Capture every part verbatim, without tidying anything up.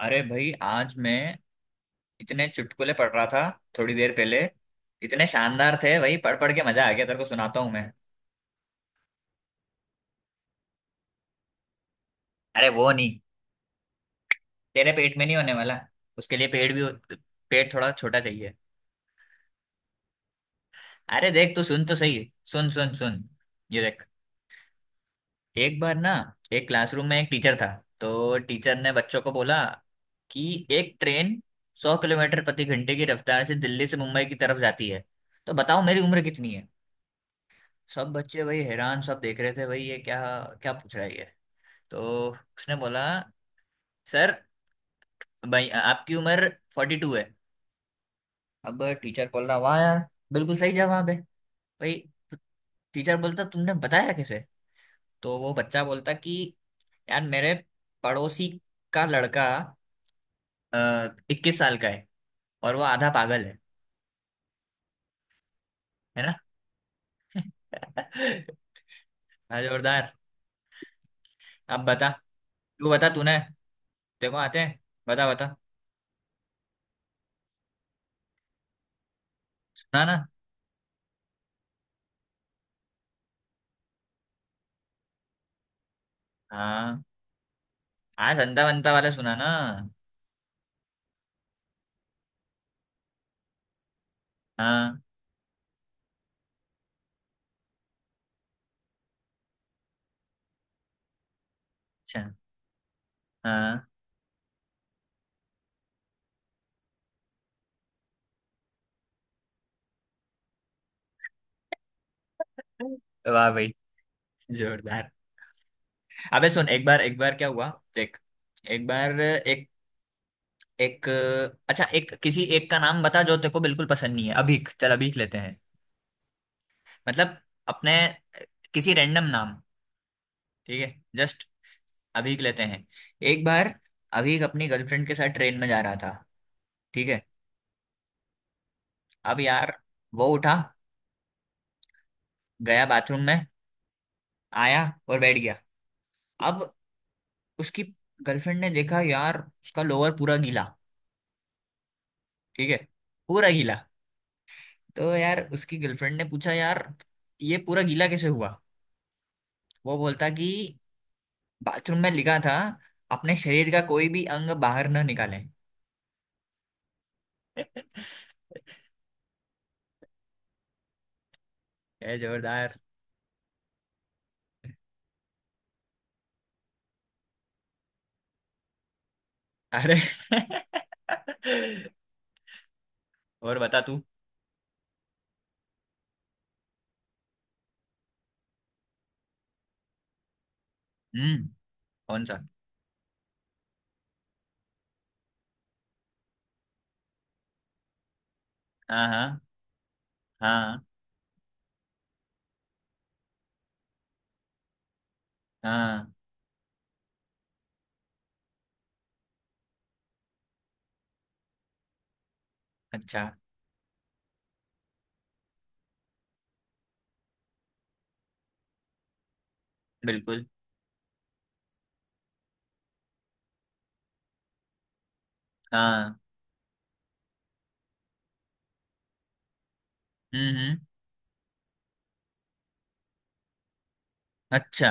अरे भाई, आज मैं इतने चुटकुले पढ़ रहा था थोड़ी देर पहले। इतने शानदार थे भाई, पढ़ पढ़ के मजा आ गया। तेरे को सुनाता हूँ मैं। अरे वो नहीं, तेरे पेट में नहीं होने वाला। उसके लिए पेट भी, पेट थोड़ा छोटा चाहिए। अरे देख, तू सुन तो सही। सुन सुन सुन, ये देख। एक बार ना, एक क्लासरूम में एक टीचर था। तो टीचर ने बच्चों को बोला कि एक ट्रेन सौ किलोमीटर प्रति घंटे की रफ्तार से दिल्ली से मुंबई की तरफ जाती है, तो बताओ मेरी उम्र कितनी है। सब बच्चे वही हैरान, सब देख रहे थे भाई ये क्या, क्या पूछ रहा है ये। तो उसने बोला, सर भाई आपकी उम्र फोर्टी टू है। अब टीचर बोल रहा, वाह यार, बिल्कुल सही जवाब है भाई। टीचर बोलता, तुमने बताया कैसे। तो वो बच्चा बोलता कि यार मेरे पड़ोसी का लड़का इक्कीस साल का है और वो आधा पागल है है ना। हाँ, जोरदार। अब बता तू, बता। तूने देखो आते हैं, बता बता। सुना ना। हाँ हाँ, संता बनता वाला सुना ना। हाँ, अच्छा, हाँ। वाह भाई, जोरदार। अबे सुन, एक बार एक बार क्या हुआ, देख। एक बार एक एक, अच्छा, एक किसी एक का नाम बता जो तेरे को बिल्कुल पसंद नहीं है। अभीक चल, अभीक लेते हैं। मतलब अपने किसी रैंडम नाम, ठीक है, जस्ट अभीक लेते हैं। एक बार अभीक अपनी गर्लफ्रेंड के साथ ट्रेन में जा रहा था, ठीक है। अब यार, वो उठा, गया बाथरूम में, आया और बैठ गया। अब उसकी गर्लफ्रेंड ने देखा यार, उसका लोअर पूरा गीला, ठीक है, पूरा गीला। तो यार उसकी गर्लफ्रेंड ने पूछा, यार ये पूरा गीला कैसे हुआ। वो बोलता कि बाथरूम में लिखा था, अपने शरीर का कोई भी अंग बाहर न निकालें। ये जोरदार। अरे और बता तू। हम्म, कौन सा। हाँ हाँ हाँ हाँ, अच्छा, बिल्कुल, हाँ, हम्म हम्म, अच्छा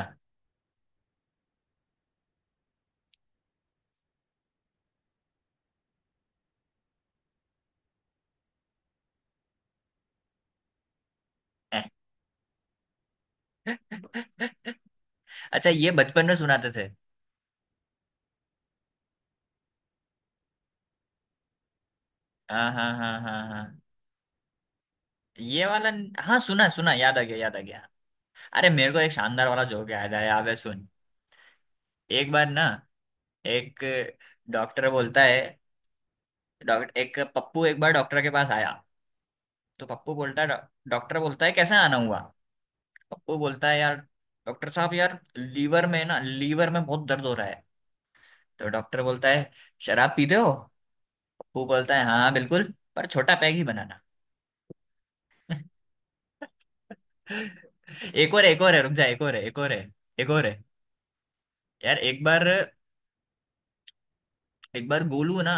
अच्छा, ये बचपन में सुनाते थे। हाँ हाँ हाँ हाँ हाँ, ये वाला, हाँ सुना है, सुना है, याद आ गया याद आ गया। अरे मेरे को एक शानदार वाला जोक याद आया, अबे सुन। एक बार ना, एक डॉक्टर बोलता है, डॉक्टर, एक पप्पू एक बार डॉक्टर के पास आया। तो पप्पू बोलता है, डॉ- डॉक्टर बोलता है कैसे आना हुआ। पप्पू बोलता है, यार डॉक्टर साहब, यार लीवर में ना, लीवर में बहुत दर्द हो रहा है। तो डॉक्टर बोलता है शराब पीते हो। पप्पू बोलता है हाँ बिल्कुल, पर छोटा पैग ही बनाना। एक और, एक और है, रुक जा, एक और है, एक और है। एक और है यार। एक बार एक बार गोलू है ना,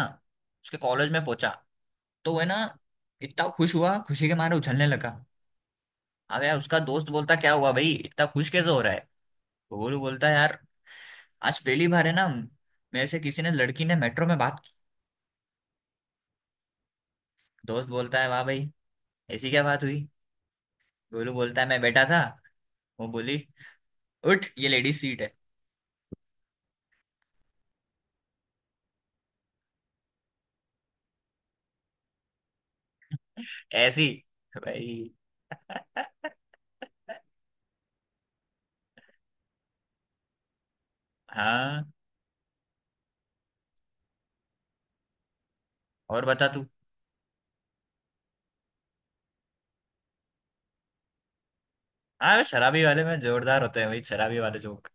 उसके कॉलेज में पहुंचा। तो वह ना इतना खुश हुआ, खुशी के मारे उछलने लगा। अब यार उसका दोस्त बोलता, क्या हुआ भाई, इतना खुश कैसे हो रहा है। तो गोलू बोलता यार, आज पहली बार है ना मेरे से किसी ने, लड़की ने मेट्रो में बात की। दोस्त बोलता है, वाह भाई, ऐसी क्या बात हुई। गोलू बोलता है, मैं बैठा था, वो बोली, उठ ये लेडीज सीट है। ऐसी, भाई। हाँ, और बता तू। हाँ, शराबी वाले में जोरदार होते हैं भाई, शराबी वाले जोक।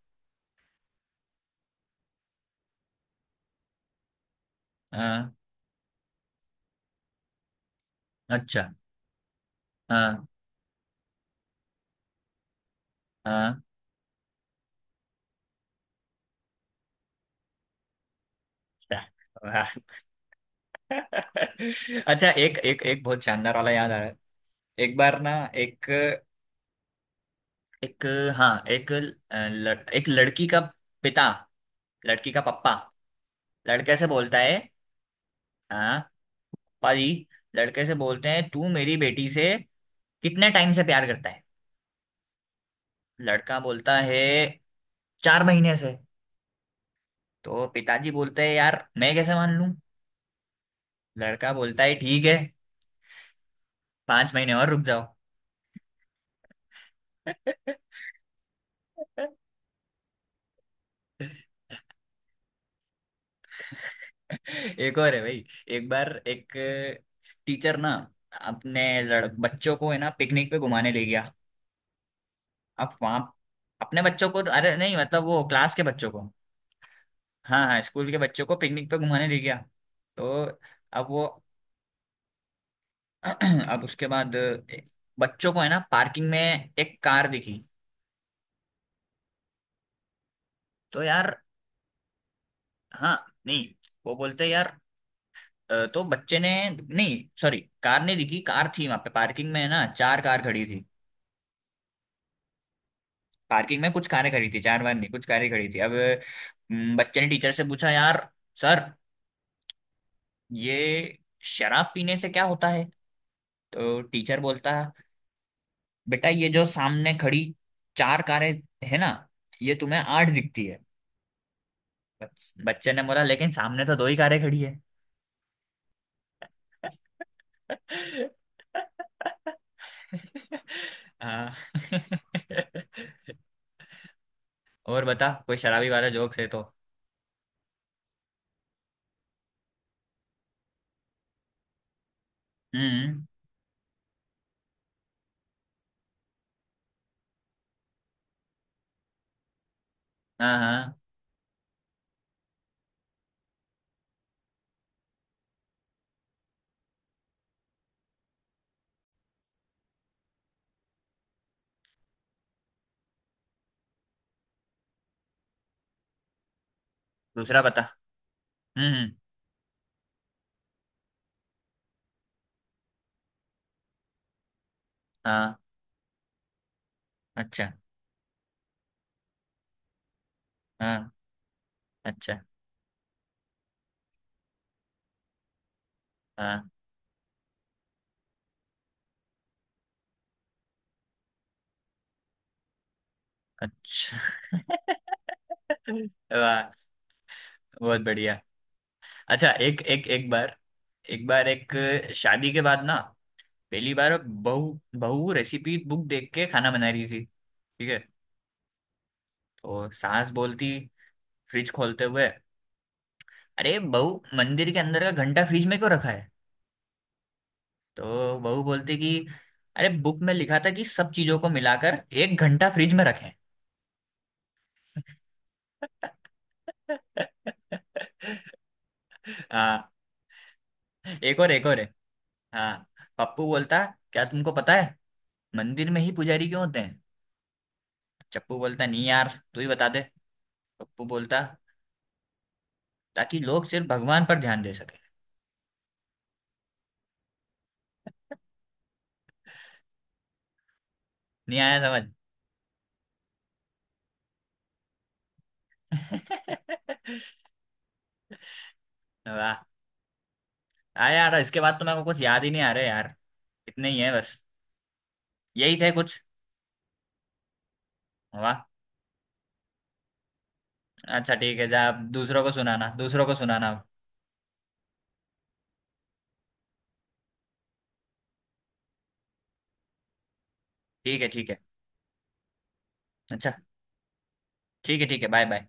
हाँ, अच्छा, हाँ, हाँ, हाँ। अच्छा, एक एक एक बहुत शानदार वाला याद आ रहा है। एक बार ना, एक एक, हाँ, एक ल, एक लड़की का पिता, लड़की का पप्पा लड़के से बोलता है, हाँ, पप्पा जी, लड़के से बोलते हैं, तू मेरी बेटी से कितने टाइम से प्यार करता है। लड़का बोलता है, चार महीने से। तो पिताजी बोलते हैं यार मैं कैसे मान लूं। लड़का बोलता है, ठीक है, पांच महीने और रुक जाओ। एक और है भाई। एक बार एक टीचर ना, अपने लड़ बच्चों को है ना पिकनिक पे घुमाने ले गया। अब वहां, अपने बच्चों को, अरे नहीं मतलब वो क्लास के बच्चों को, हाँ हाँ स्कूल के बच्चों को पिकनिक पे घुमाने ले गया। तो अब वो अब उसके बाद बच्चों को है ना पार्किंग में एक कार दिखी, तो यार, हाँ नहीं, वो बोलते यार, अ, तो बच्चे ने, नहीं सॉरी, कार नहीं दिखी, कार थी वहां पे पार्किंग में है ना, चार कार खड़ी थी, पार्किंग में कुछ कारें खड़ी थी, चार बार नहीं, कुछ कारें खड़ी थी। अब हम्म, बच्चे ने टीचर से पूछा, यार सर ये शराब पीने से क्या होता है। तो टीचर बोलता है, बेटा, ये जो सामने खड़ी चार कारें है ना, ये तुम्हें आठ दिखती है। बच- बच्चे ने बोला लेकिन सामने तो दो ही कारें खड़ी है। हाँ, और बता कोई शराबी वाला जोक्स है तो। हम्म, हाँ हाँ, दूसरा बता। हम्म, हाँ, अच्छा, हाँ, अच्छा, हाँ, अच्छा। वाह, बहुत बढ़िया। अच्छा, एक एक एक बार, एक बार एक शादी के बाद ना पहली बार बहू, बहू रेसिपी बुक देख के खाना बना रही थी, ठीक है। तो सास बोलती, फ्रिज खोलते हुए, अरे बहू मंदिर के अंदर का घंटा फ्रिज में क्यों रखा है। तो बहू बोलती कि अरे बुक में लिखा था कि सब चीजों को मिलाकर एक घंटा फ्रिज में रखें। हाँ, एक और, एक और है। हाँ, पप्पू बोलता, क्या तुमको पता है मंदिर में ही पुजारी क्यों होते हैं। चप्पू बोलता, नहीं यार तू ही बता दे। पप्पू बोलता, ताकि लोग सिर्फ भगवान पर ध्यान दे सके। नहीं आया समझ। वाह। हाँ यार, इसके बाद तो मेरे को कुछ याद ही नहीं आ रहे यार, इतने ही है बस, यही थे कुछ। वाह, अच्छा, ठीक है, जा अब दूसरों को सुनाना, दूसरों को सुनाना अब। ठीक है ठीक है, अच्छा, ठीक है ठीक है, बाय बाय।